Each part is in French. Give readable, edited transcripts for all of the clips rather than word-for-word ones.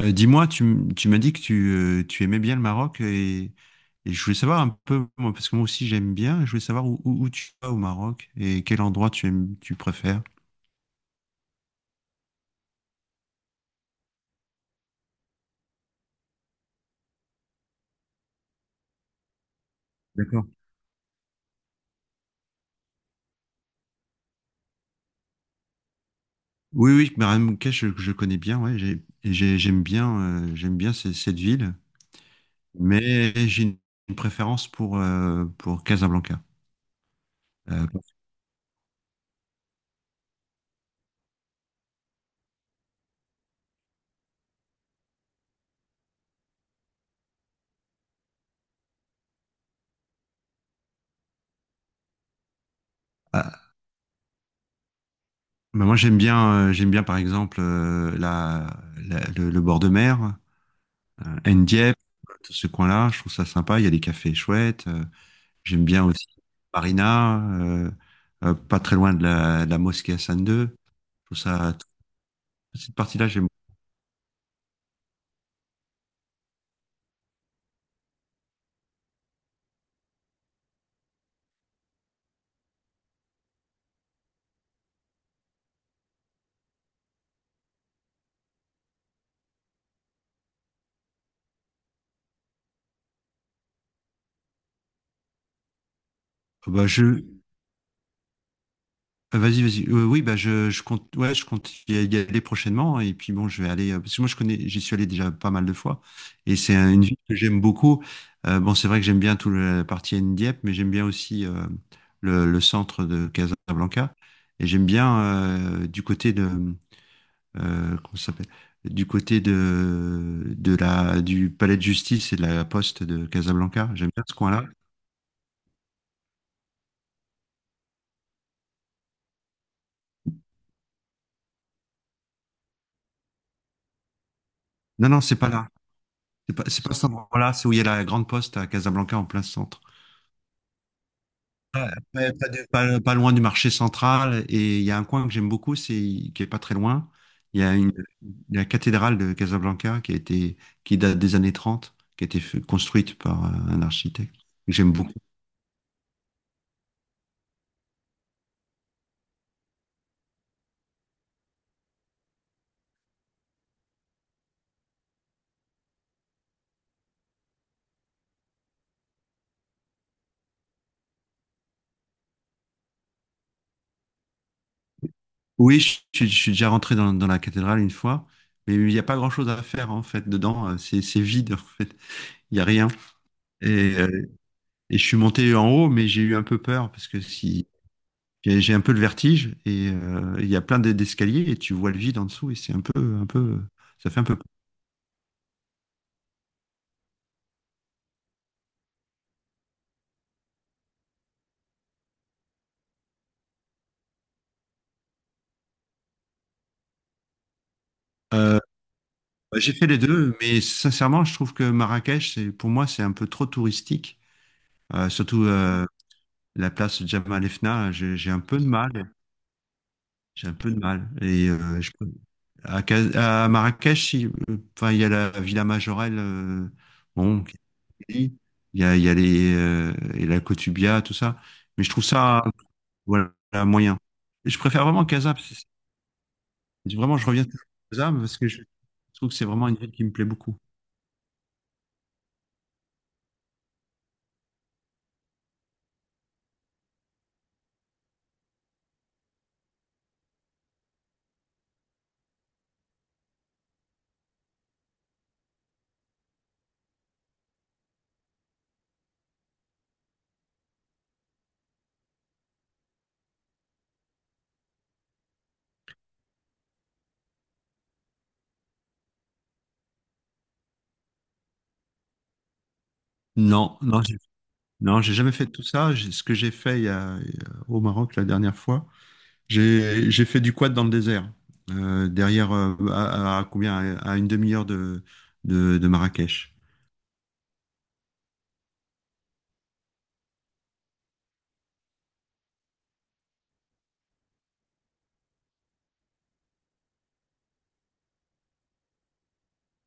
Dis-moi, tu m'as dit que tu aimais bien le Maroc et je voulais savoir un peu, moi, parce que moi aussi j'aime bien, je voulais savoir où tu vas au Maroc et quel endroit tu aimes, tu préfères. D'accord. Oui, oui, Marrakech, je connais bien, ouais, j'aime bien, j'aime bien cette ville, mais j'ai une préférence pour Casablanca. Euh, ah, bah, moi j'aime bien, j'aime bien par exemple le bord de mer. Dieppe, tout ce coin-là, je trouve ça sympa. Il y a des cafés chouettes. J'aime bien aussi Marina, pas très loin de la mosquée Hassan II. Je trouve ça, cette partie-là, j'aime. Ah Bah, je, Vas-y, vas-y. Oui, bah, je compte, ouais, je compte y aller prochainement, hein. Et puis bon, je vais aller, parce que moi, je connais, j'y suis allé déjà pas mal de fois. Et c'est une ville que j'aime beaucoup. Bon, c'est vrai que j'aime bien toute la partie Dieppe, mais j'aime bien aussi le centre de Casablanca. Et j'aime bien du côté de comment ça s'appelle, du côté du palais de justice et de la poste de Casablanca. J'aime bien ce coin-là. Non, non, c'est pas là. C'est pas cet endroit-là. C'est où il y a la grande poste à Casablanca en plein centre. Ah, ouais, pas, de- pas- pas loin du marché central. Et il y a un coin que j'aime beaucoup, c'est qui est pas très loin. Il y a une, La cathédrale de Casablanca qui date des années 30, qui a été construite par un architecte, que j'aime beaucoup. Oui, je suis déjà rentré dans la cathédrale une fois, mais il n'y a pas grand-chose à faire en fait dedans. C'est vide en fait, il n'y a rien. Et, euh, et je suis monté en haut, mais j'ai eu un peu peur parce que si j'ai un peu le vertige et il y a plein d'escaliers et tu vois le vide en dessous et c'est un peu, ça fait un peu peur. Euh, j'ai fait les deux, mais sincèrement, je trouve que Marrakech, c'est pour moi, c'est un peu trop touristique. Surtout la place Jemaa el Fna, j'ai un peu de mal. J'ai un peu de mal et euh, je À, Cas- à Marrakech, il y a la Villa Majorelle, qui est jolie. Il y a les, et la Kotubia, tout ça. Mais je trouve ça, voilà, moyen. Et je préfère vraiment Casa, parce que vraiment, je reviens toujours à Casa, parce que je trouve que c'est vraiment une ville qui me plaît beaucoup. Non, non, non, j'ai jamais fait tout ça. Ce que j'ai fait au Maroc la dernière fois, j'ai fait du quad dans le désert, derrière, à combien, à une demi-heure de Marrakech.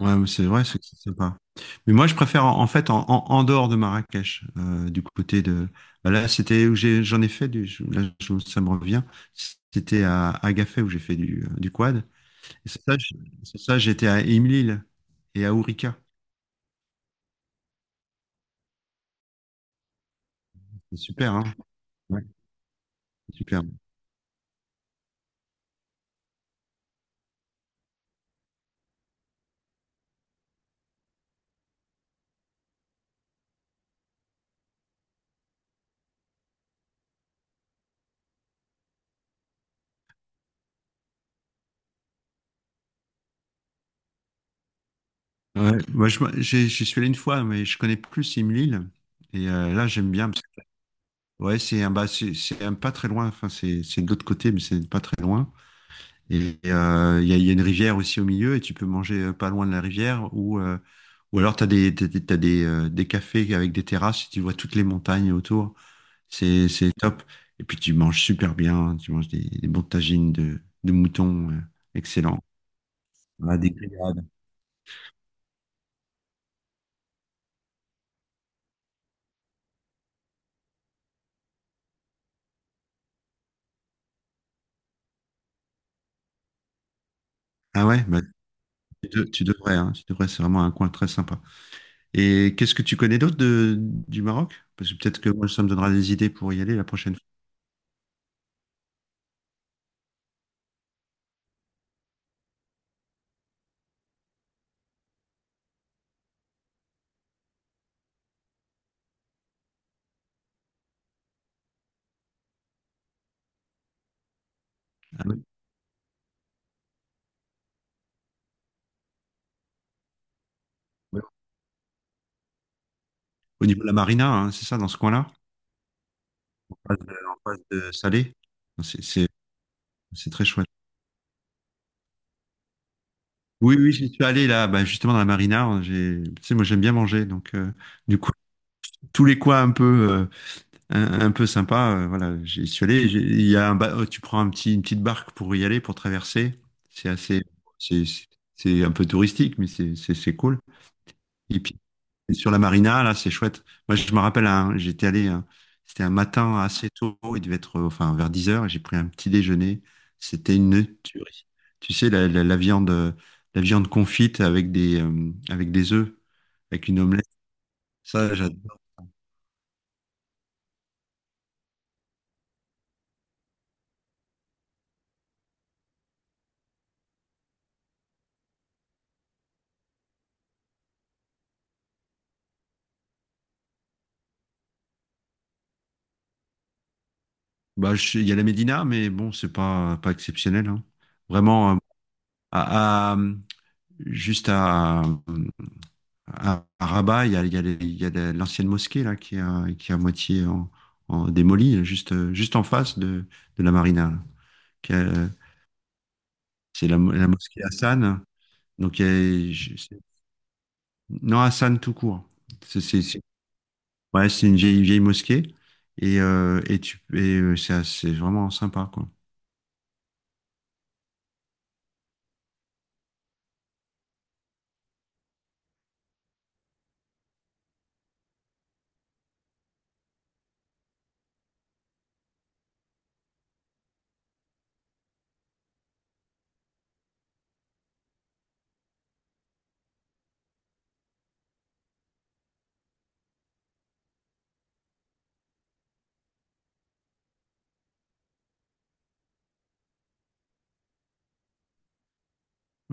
Ouais, mais c'est vrai, c'est sympa. Mais moi, je préfère en, en fait en, en- en dehors de Marrakech, du côté de. Là, c'était où j'en ai fait du. Ça me revient. C'était à Agafay où j'ai fait du quad. Et c'est ça, je- c'est ça, J'étais à Imlil et à Ourika. C'est super, hein? Ouais, c'est super. Ouais, moi, j'y suis allé une fois, mais je connais plus Imlil. Là, j'aime bien, ouais, c'est un, bah, c'est un pas très loin. Enfin, c'est de l'autre côté, mais c'est pas très loin. Il y a, il y a une rivière aussi au milieu et tu peux manger pas loin de la rivière ou alors t'as des cafés avec des terrasses et tu vois toutes les montagnes autour. C'est top. Et puis tu manges super bien. Hein. Tu manges des bons tagines de mouton, excellent. Ah, des grillades. Ah ouais, bah, tu devrais. Hein, tu devrais. C'est vraiment un coin très sympa. Et qu'est-ce que tu connais d'autre de du Maroc? Parce que peut-être que moi ça me donnera des idées pour y aller la prochaine fois. Ah oui. Au niveau de la marina, hein, c'est ça dans ce coin-là? En face de Salé. C'est c'est- c'est très chouette. Oui, oui, j'y suis allé là, bah, justement dans la marina. J'ai, tu sais, moi j'aime bien manger, du coup tous les coins un peu, euh, un peu sympa, voilà, j'y suis allé. Il y a un tu prends une petite barque pour y aller, pour traverser. C'est assez, c'est c'est- c'est un peu touristique, mais c'est cool. Et puis et sur la marina, là, c'est chouette. Moi, je me rappelle, j'étais allé, c'était un matin assez tôt, il devait être, vers 10 heures, et j'ai pris un petit déjeuner. C'était une tuerie. Tu sais, la viande confite avec avec des œufs, avec une omelette. Ça, j'adore. Bah, il y a la Médina, mais bon, c'est pas, pas exceptionnel, hein. Vraiment, à, à- juste à, à Rabat, il y a les- il y a la- l'ancienne mosquée là, qui est à moitié en démolie, juste en face de la marina là. Qui est, euh, C'est la, la mosquée Hassan. Donc, il y a- je- c'est- non, Hassan tout court. C'est c'est- c'est- ouais, c'est une vieille mosquée. Et c'est vraiment sympa, quoi.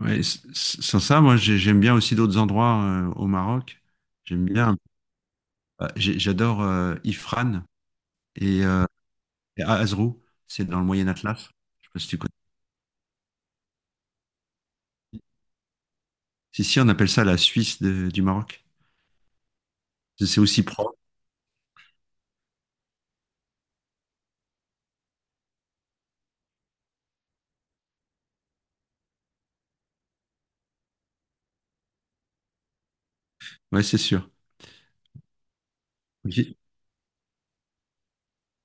Ouais, sans ça, moi, j'aime bien aussi d'autres endroits au Maroc. J'aime bien, j'adore Ifrane. Et euh, Et Azrou, c'est dans le Moyen Atlas. Je sais pas si tu connais. Si, si, on appelle ça la Suisse du Maroc. C'est aussi propre. Ouais, c'est sûr. J'y-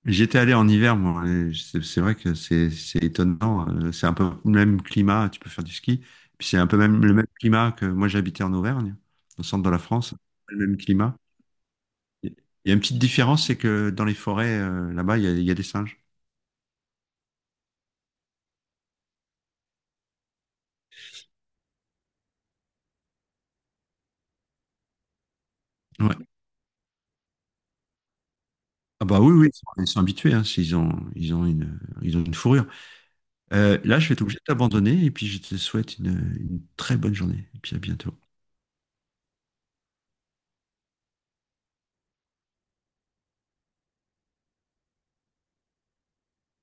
J'étais allé en hiver, moi, et c'est vrai que c'est étonnant. C'est un peu le même climat. Tu peux faire du ski. Puis c'est un peu même le même climat que moi j'habitais en Auvergne, au centre de la France. Le même climat. Il y a une petite différence, c'est que dans les forêts, là-bas, il y a des singes. Ouais. Ah bah oui, oui, ils sont habitués, hein, s'ils ont, ils ont une fourrure. Là, je vais être obligé d'abandonner et puis je te souhaite une très bonne journée. Et puis à bientôt.